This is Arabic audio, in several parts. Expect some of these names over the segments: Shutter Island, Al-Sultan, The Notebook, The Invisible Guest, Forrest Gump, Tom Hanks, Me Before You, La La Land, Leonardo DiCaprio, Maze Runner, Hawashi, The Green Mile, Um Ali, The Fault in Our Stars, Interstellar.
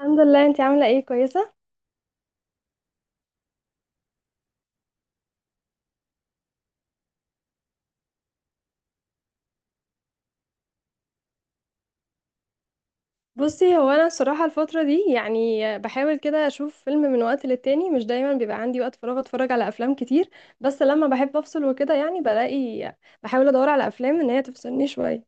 الحمد لله، انتي عاملة ايه؟ كويسة. بصي هو انا الصراحة الفترة دي يعني بحاول كده اشوف فيلم من وقت للتاني، مش دايما بيبقى عندي وقت فراغ اتفرج على افلام كتير. بس لما بحب افصل وكده يعني بلاقي، بحاول ادور على افلام ان هي تفصلني شوية.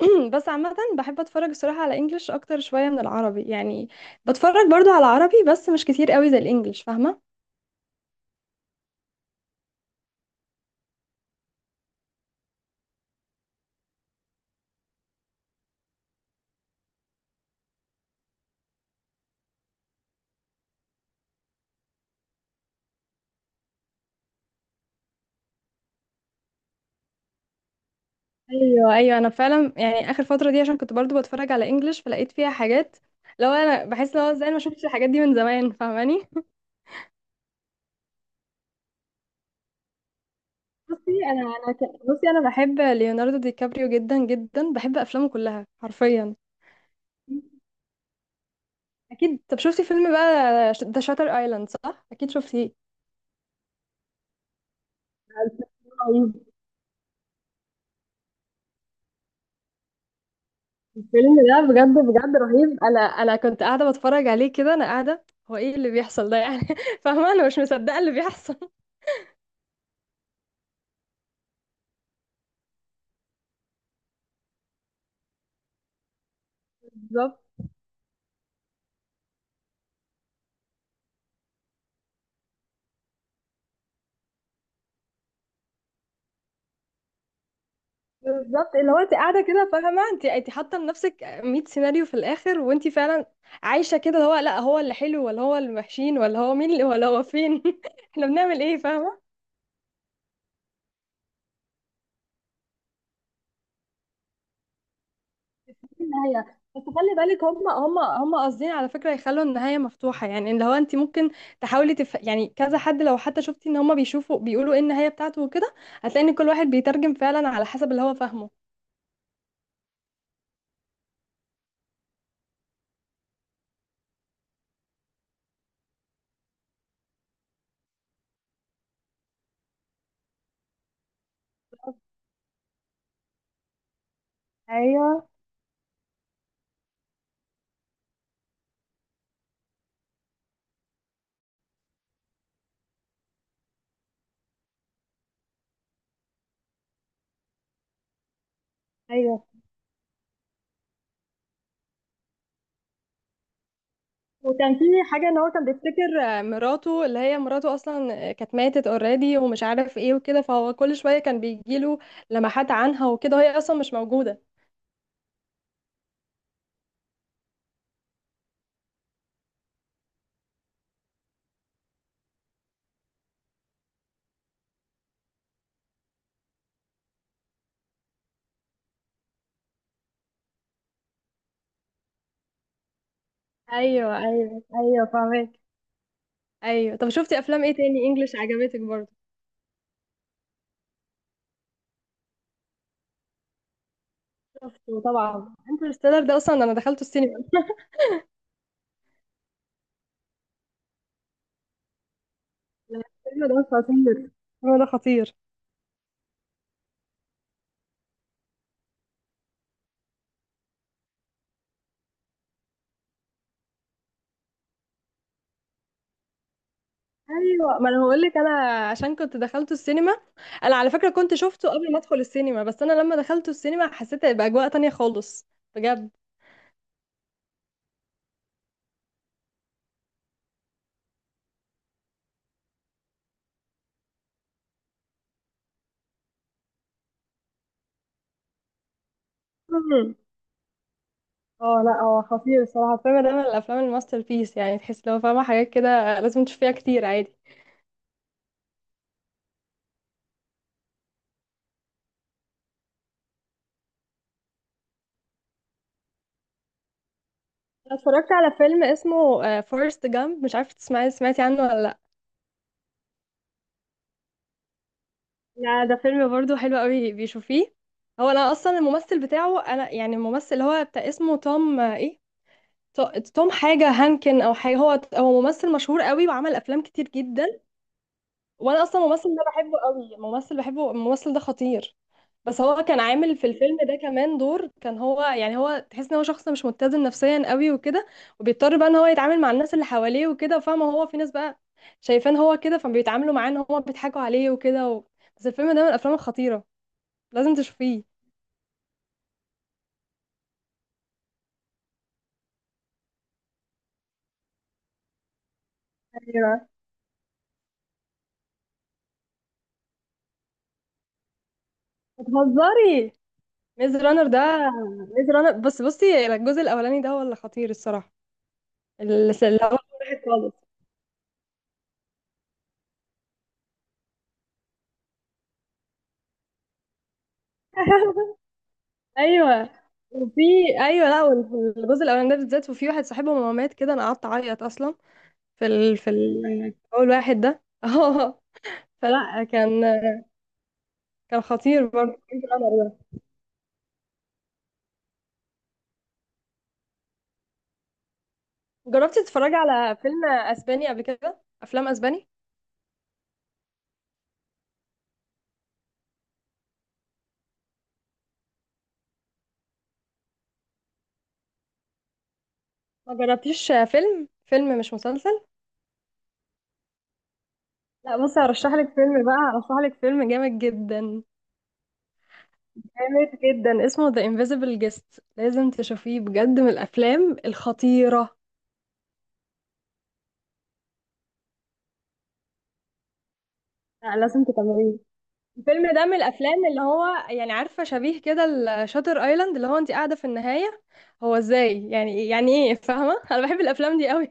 بس عامة بحب اتفرج الصراحة على انجلش اكتر شوية من العربي يعني. بتفرج برضو على عربي بس مش كتير قوي زي الانجليش، فاهمة؟ ايوه، ايوه، انا فعلا يعني اخر فترة دي عشان كنت برضو بتفرج على انجلش فلقيت فيها حاجات. لو انا بحس لو ازاي انا ما شفتش الحاجات دي من زمان، فاهماني؟ بصي انا بحب ليوناردو دي كابريو جدا جدا، بحب افلامه كلها حرفيا. اكيد. طب شفتي فيلم بقى ذا شاتر ايلاند؟ صح، اكيد شفتيه. رهيب. الفيلم ده بجد بجد رهيب. انا كنت قاعده بتفرج عليه كده، انا قاعده. هو ايه اللي بيحصل ده يعني؟ فاهمه؟ انا مش مصدقه اللي بيحصل. بالظبط. بالظبط، اللي هو انت قاعده كده، فاهمه؟ انت حاطه لنفسك 100 سيناريو في الاخر، وانت فعلا عايشه كده، اللي هو لا هو اللي حلو، ولا هو اللي وحشين، ولا هو مين اللي، ولا هو فين، احنا بنعمل ايه، فاهمه؟ دي النهايه، بس خلي بالك هم قاصدين على فكره يخلوا النهايه مفتوحه، يعني اللي هو انت ممكن تحاولي يعني كذا حد، لو حتى شفتي ان هم بيشوفوا بيقولوا ايه النهايه بتاعته وكده، هتلاقي ان كل واحد بيترجم فعلا على حسب اللي هو فاهمه. ايوه، ايوه، وكان في حاجة ان هو كان بيفتكر، مراته اللي هي مراته اصلا، كانت ماتت اوريدي ومش عارف ايه وكده، فهو كل شوية كان بيجيله لمحات عنها وكده، وهي اصلا مش موجودة. ايوه، ايوه، ايوه، فاهمك. ايوه، طب شفتي افلام ايه تاني انجلش عجبتك برضه؟ شفته طبعا انترستيلر، ده اصلا انا دخلته السينما. الفيلم ده خطير. الفيلم ده خطير. ايوه، ما انا بقول لك انا عشان كنت دخلته السينما. انا على فكره كنت شفته قبل ما ادخل السينما، بس انا لما دخلته السينما حسيت بأجواء تانية خالص. بجد. مم. اه، لا هو خطير الصراحه، الفيلم ده من الافلام الماستر بيس، يعني تحس لو فاهمه حاجات كده لازم تشوفيها كتير عادي. أنا اتفرجت على فيلم اسمه فورست جامب، مش عارفه تسمعي، سمعتي عنه ولا لا؟ لا، ده فيلم برضو حلو قوي، بيشوفيه. هو انا اصلا الممثل بتاعه، انا يعني الممثل اللي هو بتاع اسمه توم، ايه، تو- توم حاجه، هانكن او حاجه، هو ممثل مشهور قوي وعمل افلام كتير جدا. وانا اصلا الممثل ده بحبه قوي، الممثل بحبه، الممثل ده خطير. بس هو كان عامل في الفيلم ده كمان دور، كان هو يعني، هو تحس ان هو شخص مش متزن نفسيا قوي وكده، وبيضطر بقى ان هو يتعامل مع الناس اللي حواليه وكده، فاهمه؟ هو في ناس بقى شايفان هو كده، فبيتعاملوا معاه ان هو بيضحكوا عليه وكده و... بس الفيلم ده من الافلام الخطيره، لازم تشوفيه. ايوه، بتهزري؟ ميز رانر ده، ميز رانر بس بصي الجزء الاولاني ده هو اللي خطير الصراحه، اللي هو واحد خالص. ايوه، وفي، ايوه، لا وال- الجزء الاولاني ده بالذات، وفي واحد صاحبهم هو مات كده، انا قعدت اعيط اصلا، اول واحد ده، اه. فلا كان خطير برضه، كان في القمر ده. جربتي تتفرجي على فيلم اسباني قبل كده؟ افلام اسباني؟ ما جربتيش؟ فيلم مش مسلسل. لا بصي، هرشح لك فيلم بقى، هرشح لك فيلم جامد جدا، جامد جدا، اسمه The Invisible Guest، لازم تشوفيه بجد، من الافلام الخطيرة. لا، لازم تتابعيه. الفيلم ده من الافلام اللي هو يعني، عارفه، شبيه كده الشاتر ايلاند، اللي هو انت قاعده في النهايه، هو ازاي يعني، يعني ايه، فاهمه؟ انا بحب الافلام دي قوي.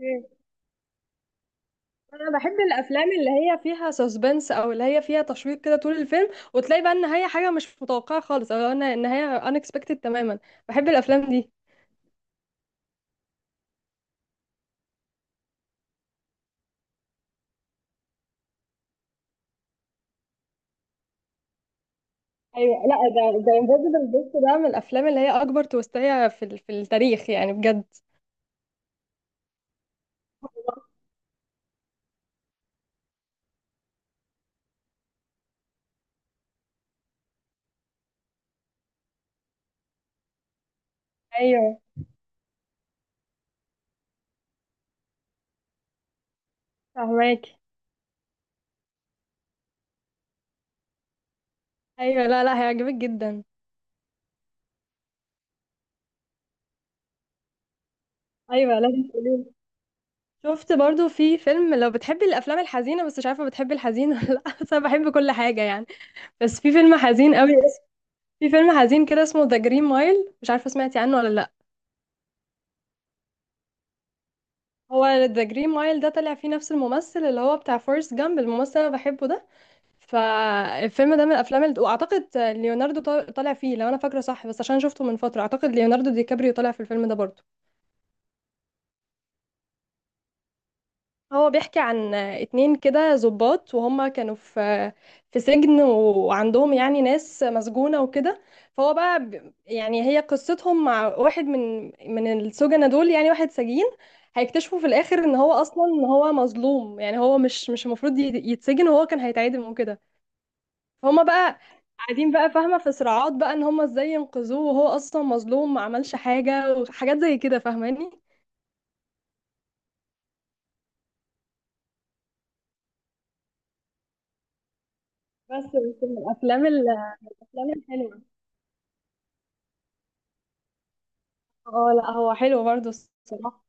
إيه. انا بحب الافلام اللي هي فيها سسبنس، او اللي هي فيها تشويق كده طول الفيلم، وتلاقي بقى النهايه حاجه مش متوقعه خالص، او ان النهايه unexpected تماما. بحب الافلام دي. ايوه، لا ده انفيزبل جيست ده من الافلام اللي هي اكبر توستايه في التاريخ يعني، بجد. ايوه، فهماكي؟ ايوه، لا لا، هيعجبك جدا. ايوه، لازم تقولي. شفت برضو في فيلم، لو بتحبي الافلام الحزينه، بس مش عارفه بتحبي الحزين ولا لا، بس انا بحب كل حاجه يعني، بس في فيلم حزين قوي، في فيلم حزين كده اسمه ذا جرين مايل، مش عارفه سمعتي عنه ولا لا؟ هو ذا جرين مايل ده طلع فيه نفس الممثل اللي هو بتاع فورست جامب، الممثل اللي انا بحبه ده. فالفيلم ده من الافلام اللي... واعتقد ليوناردو طالع فيه لو انا فاكره صح، بس عشان شفته من فتره، اعتقد ليوناردو دي كابريو طالع في الفيلم ده برضو. هو بيحكي عن اتنين كده ضباط، وهم كانوا في سجن وعندهم يعني ناس مسجونة وكده. فهو بقى يعني هي قصتهم مع واحد من من السجنة دول، يعني واحد سجين. هيكتشفوا في الآخر ان هو اصلا، ان هو مظلوم، يعني هو مش المفروض يتسجن، وهو كان هيتعدم وكده. فهم بقى قاعدين بقى، فاهمة؟ في صراعات بقى ان هم ازاي ينقذوه، وهو اصلا مظلوم ما عملش حاجة وحاجات زي كده، فاهماني؟ بس من الافلام الحلوة. اه، لا هو حلو برضه الصراحة.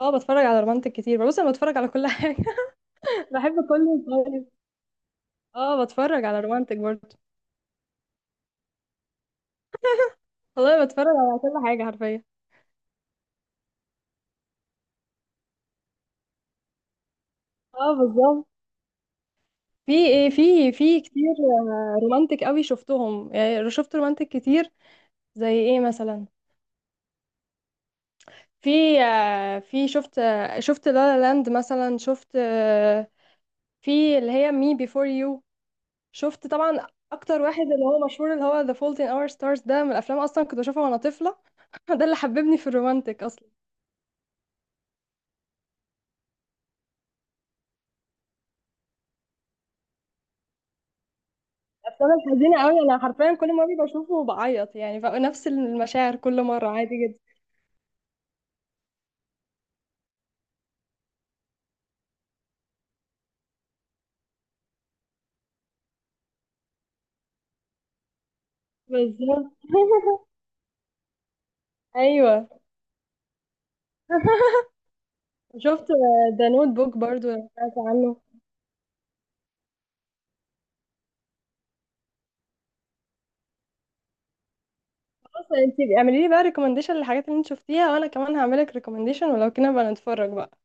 اه، بتفرج على رومانتك كتير، بص انا بتفرج على كل حاجة. بحب كل، طيب. اه، بتفرج على رومانتك برضه. والله بتفرج على كل حاجة حرفيا. اه، بالظبط. في ايه، في كتير، رومانتك قوي شفتهم، يعني شفت رومانتك كتير. زي ايه مثلا؟ في شفت لا لا لاند مثلا، شفت، في اللي هي مي بيفور يو. شفت طبعا اكتر واحد اللي هو مشهور اللي هو The Fault in Our Stars، ده من الافلام اصلا كنت بشوفها وانا طفلة. ده اللي حببني في الرومانتك اصلا. اصل انا الحزينه قوي، انا حرفيا كل مره بشوفه بعيط يعني، بقى نفس المشاعر كل مره عادي جدا. بالظبط. ايوه، شفت ده نوت بوك برضو، لو سمعت عنه. خلاص، انت اعملي لي بقى ريكومنديشن للحاجات اللي انت شفتيها، وانا كمان هعملك ريكومنديشن، ولو كنا بقى نتفرج بقى.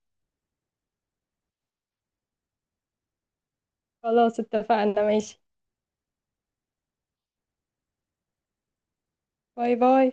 خلاص، اتفقنا، ماشي، باي باي.